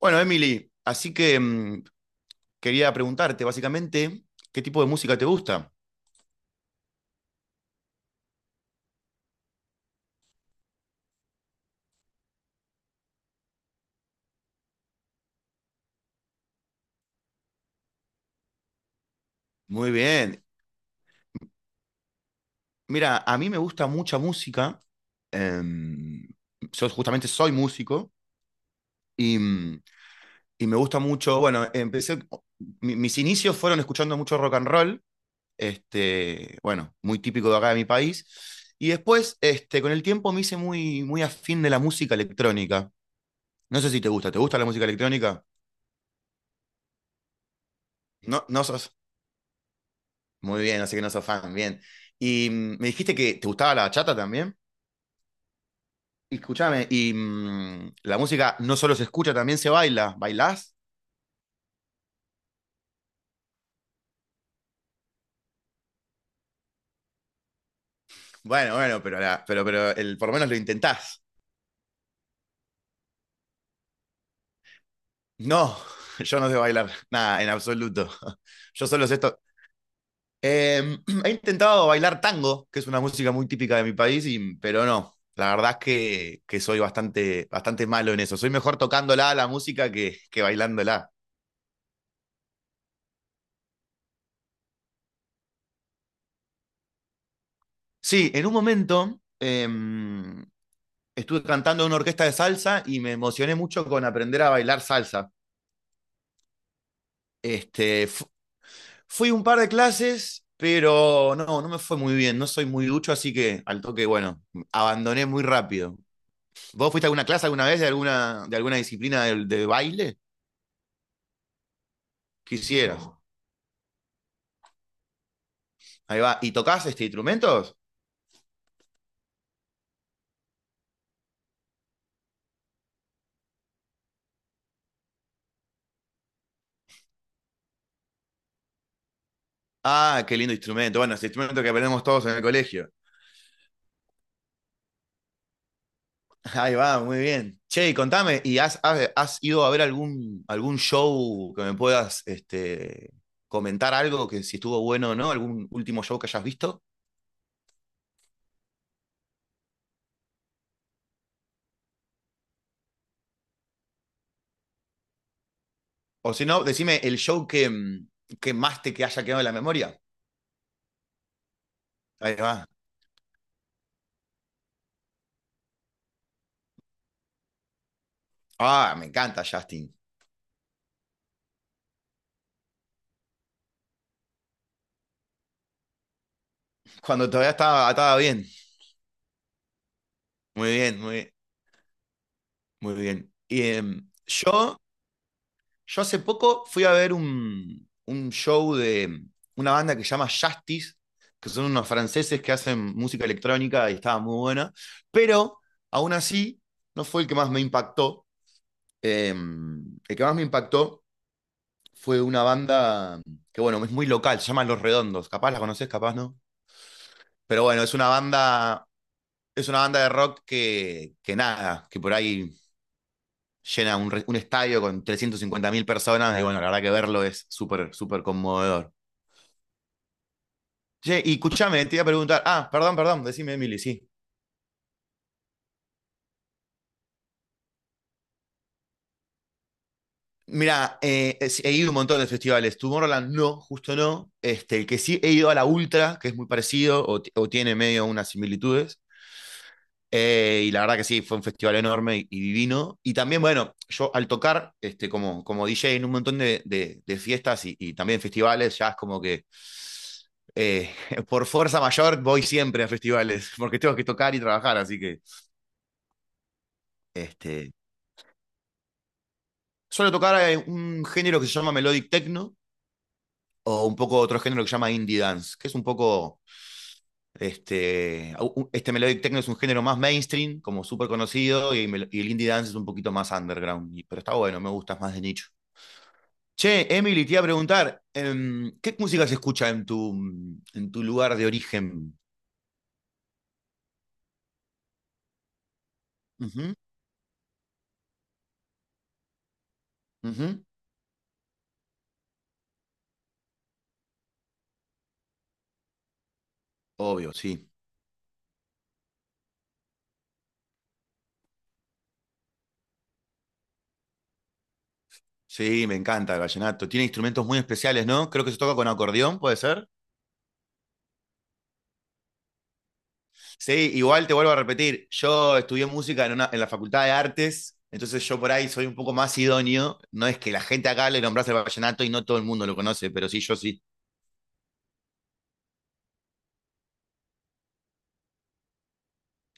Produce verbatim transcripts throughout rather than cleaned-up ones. Bueno, Emily, así que mm, quería preguntarte básicamente qué tipo de música te gusta. Muy bien. Mira, a mí me gusta mucha música. em, yo justamente soy músico y, mm, y me gusta mucho. Bueno, empecé. mi- mis inicios fueron escuchando mucho rock and roll. Este, bueno, muy típico de acá de mi país. Y después, este, con el tiempo me hice muy, muy afín de la música electrónica. No sé si te gusta. ¿Te gusta la música electrónica? No, no sos. Muy bien, así que no sos fan, bien. Y mm, me dijiste que te gustaba la bachata también. Y escúchame, y mm, la música no solo se escucha, también se baila. ¿Bailás? Bueno, bueno, pero, la- pero, pero el, por lo menos lo intentás. No, yo no sé bailar, nada, en absoluto. Yo solo sé esto. Eh, he intentado bailar tango, que es una música muy típica de mi país, y- pero no. La verdad es que, que soy bastante, bastante malo en eso. Soy mejor tocándola la música que, que bailándola. Sí, en un momento em, estuve cantando en una orquesta de salsa y me emocioné mucho con aprender a bailar salsa. Este, fui un par de clases, pero no, no me fue muy bien, no soy muy ducho, así que al toque, bueno, abandoné muy rápido. ¿Vos fuiste a alguna clase alguna vez de alguna, de alguna disciplina de, de baile? Quisieras. Ahí va. ¿Y tocás este, instrumentos? Ah, qué lindo instrumento. Bueno, ese instrumento que aprendemos todos en el colegio. Ahí va, muy bien. Che, y contame, ¿y has, has- has ido a ver algún, algún show que me puedas este, comentar algo que si estuvo bueno o no? ¿Algún último show que hayas visto? O si no, decime el show que, mm, que más te que haya quedado en la memoria. Ahí va. Ah, me encanta Justin. Cuando todavía estaba, estaba bien. Muy bien, muy, muy bien. Y em, yo. Yo hace poco fui a ver un, un show de una banda que se llama Justice, que son unos franceses que hacen música electrónica y estaba muy buena, pero aún así no fue el que más me impactó. Eh, el que más me impactó fue una banda que, bueno, es muy local, se llama Los Redondos. Capaz la conoces, capaz no. Pero bueno, es una banda, es una banda de rock que, que nada, que por ahí llena un, re- un estadio con trescientas cincuenta mil personas y bueno, la verdad que verlo es súper, súper conmovedor. Che, y escúchame, te iba a preguntar. Ah, perdón, perdón, decime, Emily, sí. Mira, eh, es- he ido a un montón de festivales. Tomorrowland no, justo no. Este, el que sí he ido a la Ultra, que es muy parecido o, ti- o tiene medio unas similitudes. Eh, y la verdad que sí, fue un festival enorme y, y divino. Y también, bueno, yo al tocar este, como, como D J en un montón de, de- de fiestas y, y también festivales, ya es como que eh, por fuerza mayor voy siempre a festivales, porque tengo que tocar y trabajar, así que este, suelo tocar eh, un género que se llama melodic techno o un poco otro género que se llama indie dance, que es un poco este u- este melodic techno es un género más mainstream, como súper conocido y, mel- y el indie dance es un poquito más underground, y- pero está bueno, me gusta, es más de nicho. Che, Emily, te iba a preguntar, em, ¿qué música se escucha en tu en tu lugar de origen? Ujú, ujú. Obvio, sí. Sí, me encanta el vallenato. Tiene instrumentos muy especiales, ¿no? Creo que se toca con acordeón, ¿puede ser? Sí, igual te vuelvo a repetir, yo estudié música en, una- en la Facultad de Artes, entonces yo por ahí soy un poco más idóneo. No es que la gente acá le nombrase el vallenato y no todo el mundo lo conoce, pero sí, yo sí.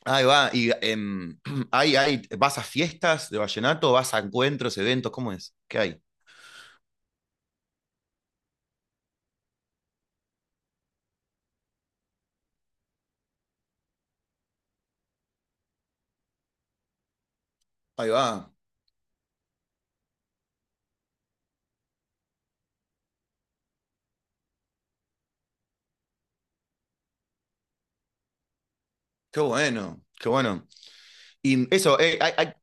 Ahí va, y em, hay, hay, ¿vas a fiestas de vallenato? ¿Vas a encuentros, eventos? ¿Cómo es? ¿Qué hay? Ahí va, qué bueno, qué bueno. Y eso, eh, hay, hay.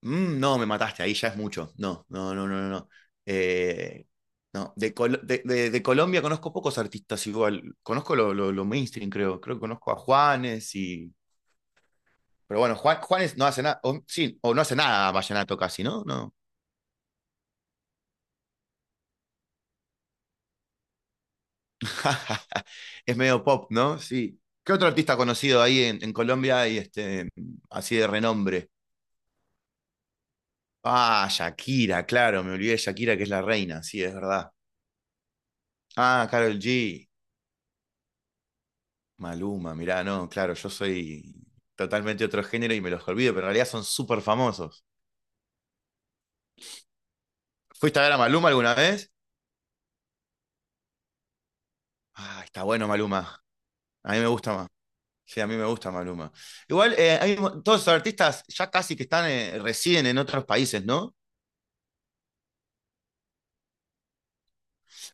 Mm, no, me mataste, ahí ya es mucho. No, no, no, no, no, no. Eh, no, de, Col- de, de- de Colombia conozco pocos artistas igual. Conozco lo, lo, lo mainstream, creo. Creo que conozco a Juanes y. Pero bueno, Juan, Juanes no hace nada. o- Sí, o no hace nada vallenato casi, ¿no? No. Es medio pop, ¿no? Sí. ¿Qué otro artista conocido ahí en, en Colombia y este, así de renombre? Ah, Shakira, claro, me olvidé de Shakira, que es la reina, sí, es verdad. Ah, Karol G. Maluma, mirá, no, claro, yo soy totalmente otro género y me los olvido, pero en realidad son súper famosos. ¿Fuiste a ver a Maluma alguna vez? Ah, está bueno Maluma. A mí me gusta más. Sí, a mí me gusta Maluma. Igual, eh, hay mo- todos los artistas ya casi que están, eh, residen en otros países, ¿no?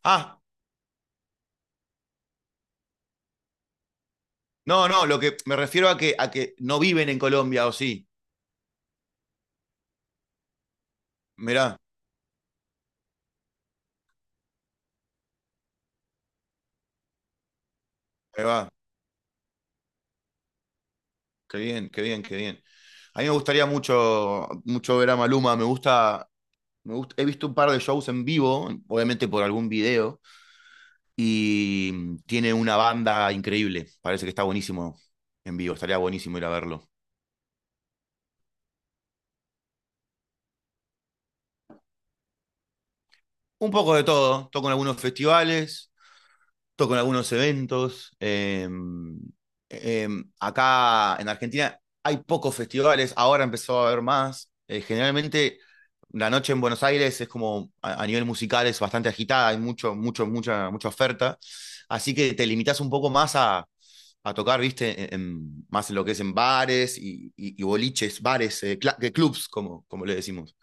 Ah, no, no, lo que me refiero a que, a que no viven en Colombia, o sí. Mirá, ahí va. Qué bien, qué bien, qué bien. A mí me gustaría mucho, mucho ver a Maluma. Me gusta. Me gusta, he visto un par de shows en vivo, obviamente por algún video, y mm, tiene una banda increíble. Parece que está buenísimo en vivo, estaría buenísimo ir a verlo. Un poco de todo, toco en algunos festivales, toco en algunos eventos. eh, eh, acá en Argentina hay pocos festivales, ahora empezó a haber más. Eh, generalmente la noche en Buenos Aires es como a, a nivel musical es bastante agitada, hay mucho, mucho, mucha, mucha oferta. Así que te limitas un poco más a, a tocar, viste, en- en- más en lo que es en bares y, y- y boliches, bares, eh, cla- que clubs, como, como le decimos.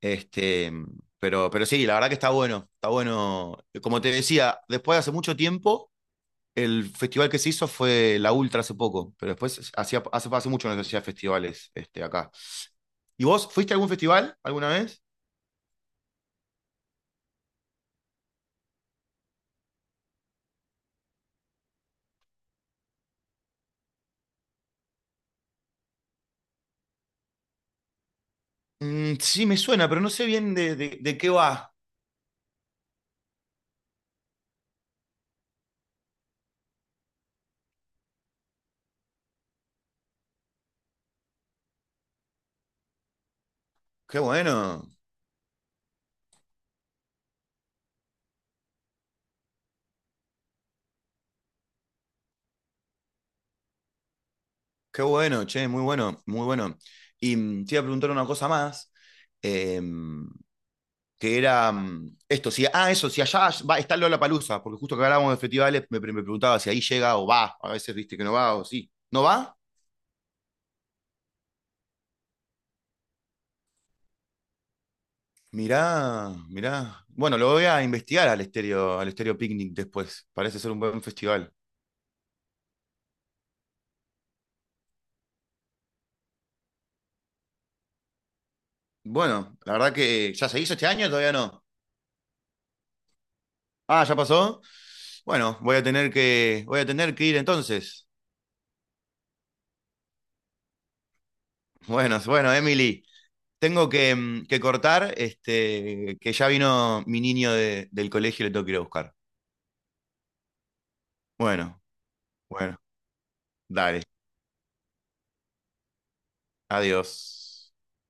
Este, pero, pero sí, la verdad que está bueno, está bueno. Como te decía, después de hace mucho tiempo el festival que se hizo fue la Ultra hace poco, pero después hacía, hace, hace mucho no se hacía festivales este, acá. ¿Y vos fuiste a algún festival alguna vez? Mm, sí, me suena, pero no sé bien de, de- de qué va. Qué bueno, qué bueno, che, muy bueno, muy bueno. Y mm, te iba a preguntar una cosa más, em, que era mm, esto, si, ah, eso, si allá va, está Lollapalooza, porque justo que hablábamos de festivales, me, pre- me preguntaba si ahí llega o va, a veces viste que no va o sí. ¿No va? Mirá, mirá. Bueno, lo voy a investigar al Estéreo, al Estéreo Picnic después. Parece ser un buen festival. Bueno, la verdad que ya se hizo este año, todavía no. Ah, ya pasó. Bueno, voy a tener que, voy a tener que ir entonces. Bueno, bueno, Emily, tengo que, mm, que cortar, este, que ya vino mi niño de- del colegio y le tengo que ir a buscar. Bueno, bueno, dale. Adiós.